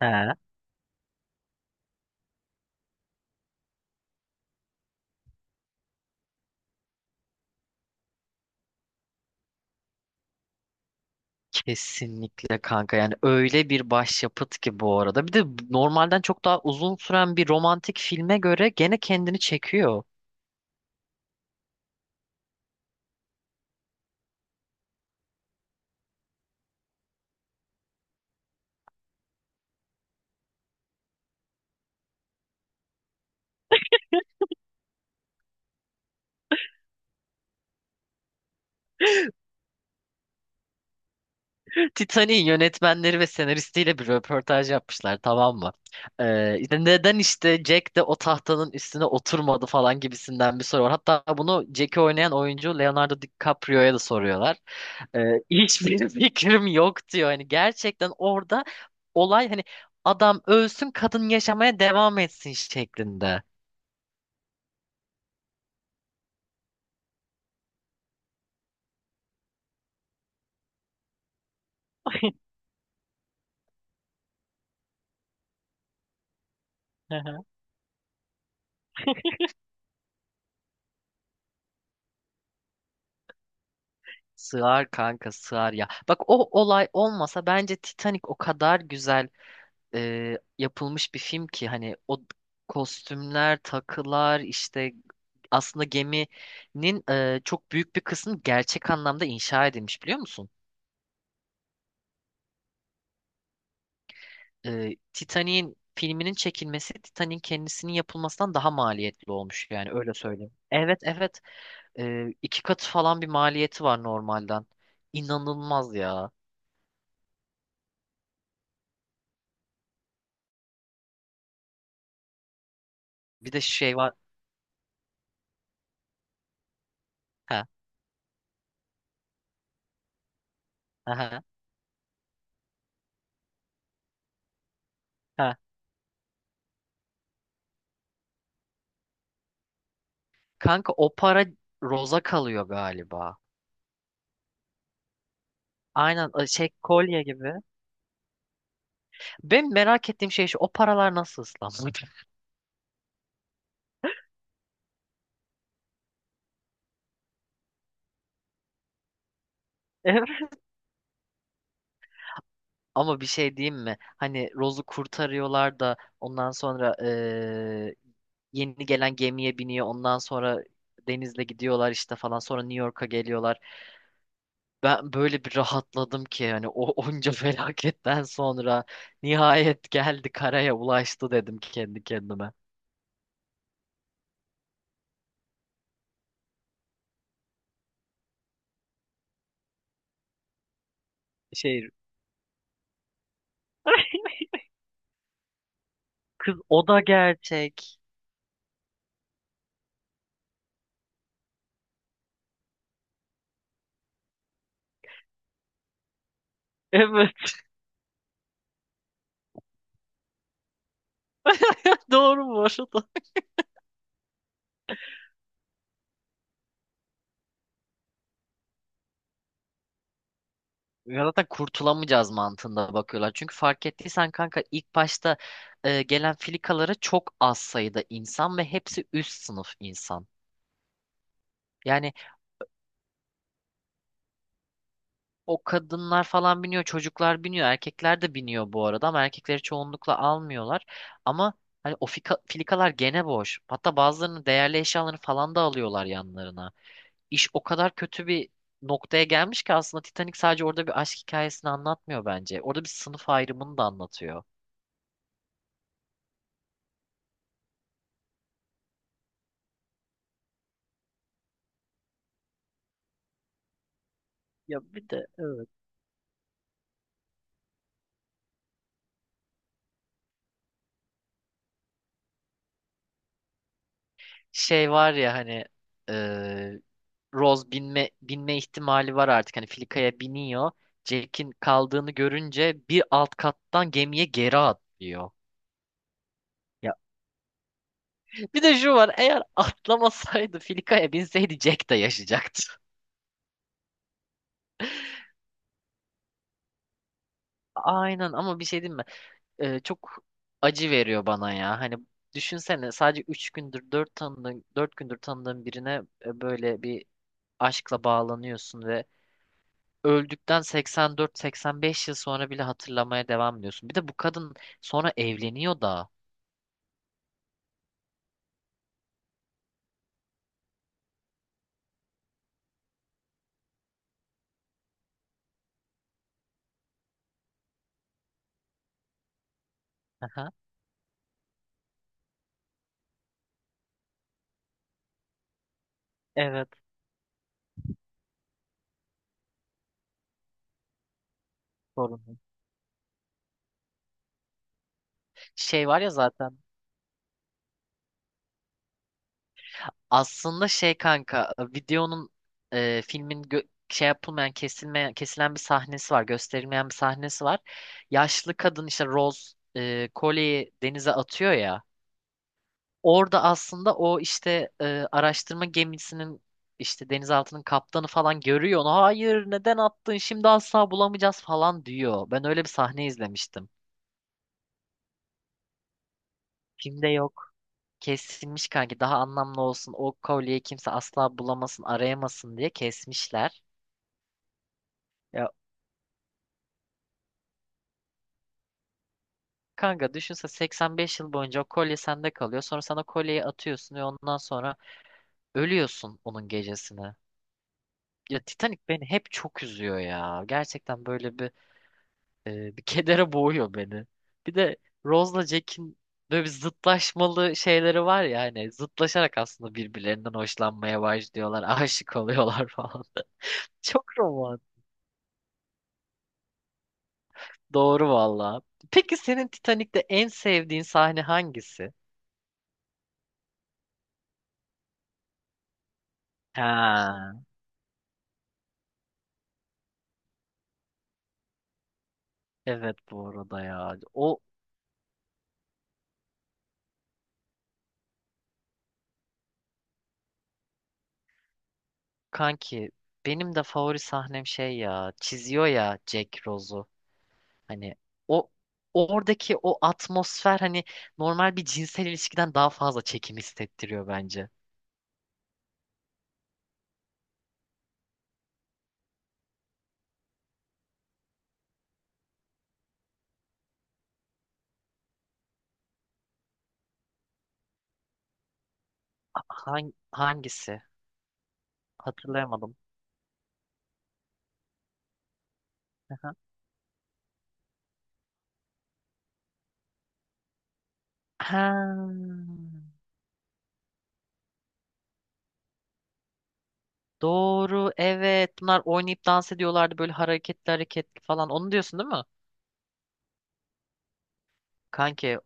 He, kesinlikle kanka, yani öyle bir başyapıt ki bu arada. Bir de normalden çok daha uzun süren bir romantik filme göre gene kendini çekiyor. Titanic'in yönetmenleri ve senaristiyle bir röportaj yapmışlar, tamam mı? İşte neden işte Jack de o tahtanın üstüne oturmadı falan gibisinden bir soru var. Hatta bunu Jack'i oynayan oyuncu Leonardo DiCaprio'ya da soruyorlar. Hiçbir fikrim yok diyor. Hani gerçekten orada olay hani adam ölsün, kadın yaşamaya devam etsin şeklinde. Hı hı. Sığar kanka, sığar ya. Bak, o olay olmasa bence Titanic o kadar güzel yapılmış bir film ki hani o kostümler, takılar işte aslında geminin çok büyük bir kısmı gerçek anlamda inşa edilmiş, biliyor musun? Titanic'in filminin çekilmesi Titanic'in kendisinin yapılmasından daha maliyetli olmuş, yani öyle söyleyeyim. Evet, evet, iki katı falan bir maliyeti var normalden. İnanılmaz ya. Bir de şey var. Ha, ha, ha. Ha. Kanka o para Rose'a kalıyor galiba. Aynen, şey kolye gibi. Ben merak ettiğim şey şu, o paralar nasıl ıslanmadı? Ama bir şey diyeyim mi? Hani Rose'u kurtarıyorlar da ondan sonra yeni gelen gemiye biniyor. Ondan sonra denizle gidiyorlar işte falan. Sonra New York'a geliyorlar. Ben böyle bir rahatladım ki hani o onca felaketten sonra nihayet geldi, karaya ulaştı dedim kendi kendime. Şey kız, o da gerçek. Evet, doğru bu arada. Ya zaten kurtulamayacağız mantığında bakıyorlar. Çünkü fark ettiysen kanka, ilk başta gelen filikalara çok az sayıda insan ve hepsi üst sınıf insan. Yani o kadınlar falan biniyor, çocuklar biniyor, erkekler de biniyor bu arada, ama erkekleri çoğunlukla almıyorlar. Ama hani filikalar gene boş. Hatta bazılarının değerli eşyalarını falan da alıyorlar yanlarına. İş o kadar kötü bir noktaya gelmiş ki aslında Titanic sadece orada bir aşk hikayesini anlatmıyor bence. Orada bir sınıf ayrımını da anlatıyor. Ya bir de evet. Şey var ya hani eee Rose binme ihtimali var artık. Hani Filika'ya biniyor. Jack'in kaldığını görünce bir alt kattan gemiye geri atlıyor. Ya, bir de şu var, eğer atlamasaydı Filika'ya binseydi Jack de yaşayacaktı. Aynen, ama bir şey diyeyim mi? Çok acı veriyor bana ya. Hani düşünsene, sadece 3 gündür 4 tanıdığın 4 gündür tanıdığın birine böyle bir aşkla bağlanıyorsun ve öldükten 84-85 yıl sonra bile hatırlamaya devam ediyorsun. Bir de bu kadın sonra evleniyor da. Aha, evet, sorun. Şey var ya zaten aslında şey, kanka, filmin gö- şey yapılmayan kesilmeyen kesilen bir sahnesi var, gösterilmeyen bir sahnesi var. Yaşlı kadın işte Rose kolyeyi denize atıyor ya. Orada aslında araştırma gemisinin işte denizaltının kaptanı falan görüyor onu. Hayır, neden attın şimdi, asla bulamayacağız falan diyor. Ben öyle bir sahne izlemiştim. Filmde yok. Kesilmiş kanki, daha anlamlı olsun, o kolyeyi kimse asla bulamasın, arayamasın diye kesmişler. Ya kanka, düşünse 85 yıl boyunca o kolye sende kalıyor. Sonra sana kolyeyi atıyorsun ve ondan sonra ölüyorsun onun gecesine. Ya Titanic beni hep çok üzüyor ya. Gerçekten böyle bir bir kedere boğuyor beni. Bir de Rose'la Jack'in böyle bir zıtlaşmalı şeyleri var ya, hani zıtlaşarak aslında birbirlerinden hoşlanmaya başlıyorlar, aşık oluyorlar falan. Çok roman. Doğru valla. Peki senin Titanic'te en sevdiğin sahne hangisi? Ha. Evet, bu arada ya. O kanki, benim de favori sahnem şey ya. Çiziyor ya Jack Rose'u. Hani o oradaki o atmosfer hani normal bir cinsel ilişkiden daha fazla çekim hissettiriyor bence. Hangi, hangisi? Hatırlayamadım. Aha. Ha, doğru, evet, bunlar oynayıp dans ediyorlardı böyle hareketli hareketli falan, onu diyorsun değil mi? Kanki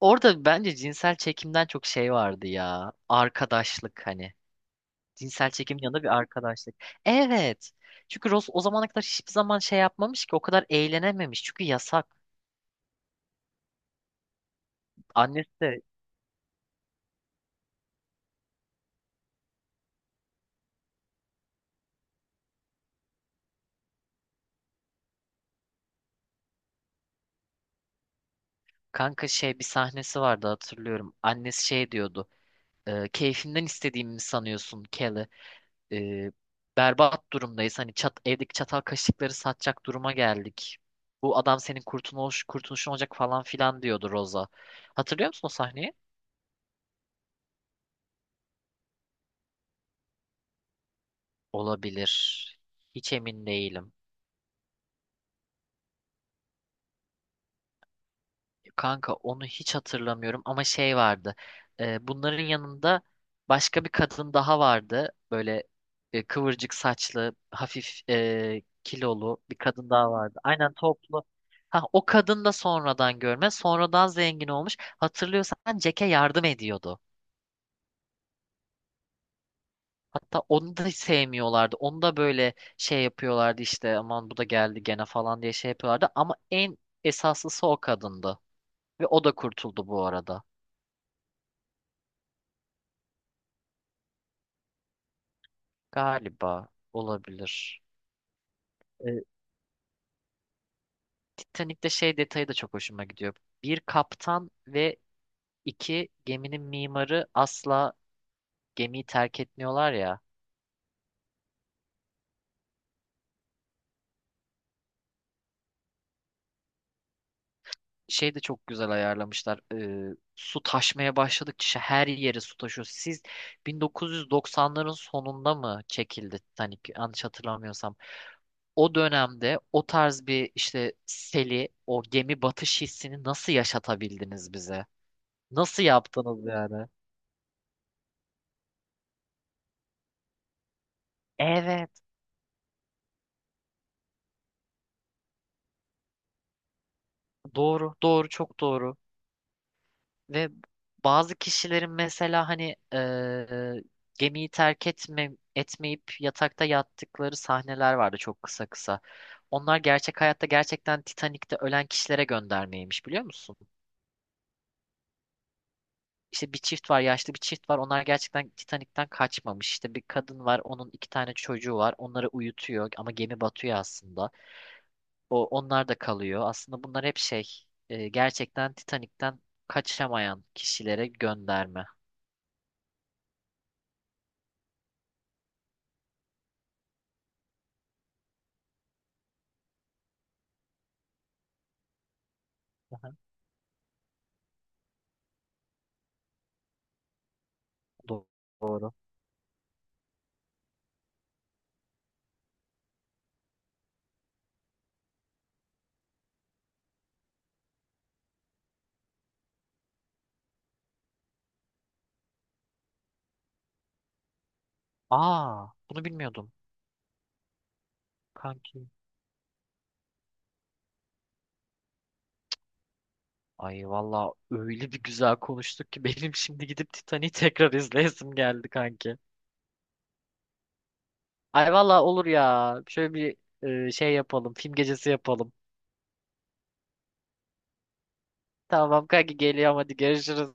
orada bence cinsel çekimden çok şey vardı ya, arkadaşlık, hani cinsel çekim yanında bir arkadaşlık. Evet, çünkü Ross o zamana kadar hiçbir zaman şey yapmamış ki, o kadar eğlenememiş çünkü yasak. Annesi de kanka, şey, bir sahnesi vardı hatırlıyorum. Annesi şey diyordu. Keyfimden istediğimi mi sanıyorsun, Kelly? E, Berbat durumdayız. Hani çat, evdeki çatal kaşıkları satacak duruma geldik. Bu adam senin kurtuluşun olacak falan filan diyordu Rosa. Hatırlıyor musun o sahneyi? Olabilir. Hiç emin değilim. Kanka onu hiç hatırlamıyorum ama şey vardı. Bunların yanında başka bir kadın daha vardı. Böyle kıvırcık saçlı, hafif kilolu bir kadın daha vardı. Aynen, toplu. Ha, o kadın da sonradan görme, sonradan zengin olmuş. Hatırlıyorsan Jack'e yardım ediyordu. Hatta onu da hiç sevmiyorlardı. Onu da böyle şey yapıyorlardı, işte aman bu da geldi gene falan diye şey yapıyorlardı. Ama en esaslısı o kadındı. Ve o da kurtuldu bu arada. Galiba, olabilir. Ee, Titanic'te şey detayı da çok hoşuma gidiyor. Bir kaptan ve iki geminin mimarı asla gemiyi terk etmiyorlar ya. Şey de çok güzel ayarlamışlar. Su taşmaya başladıkça her yere su taşıyor. Siz 1990'ların sonunda mı çekildi Titanic, yanlış hatırlamıyorsam. O dönemde o tarz bir işte seli, o gemi batış hissini nasıl yaşatabildiniz bize? Nasıl yaptınız yani? Evet. Doğru, doğru, çok doğru. Ve bazı kişilerin mesela hani gemiyi etmeyip yatakta yattıkları sahneler vardı çok kısa kısa. Onlar gerçek hayatta gerçekten Titanik'te ölen kişilere göndermeymiş, biliyor musun? İşte bir çift var, yaşlı bir çift var. Onlar gerçekten Titanik'ten kaçmamış. İşte bir kadın var, onun iki tane çocuğu var. Onları uyutuyor ama gemi batıyor aslında. Onlar da kalıyor. Aslında bunlar hep şey gerçekten Titanik'ten kaçamayan kişilere gönderme. Aha, do- doğru. Aa, bunu bilmiyordum. Kanki. Ay valla öyle bir güzel konuştuk ki benim şimdi gidip Titanic'i tekrar izleyesim geldi kanki. Ay valla olur ya. Şöyle bir şey yapalım. Film gecesi yapalım. Tamam kanki, geliyorum, hadi görüşürüz.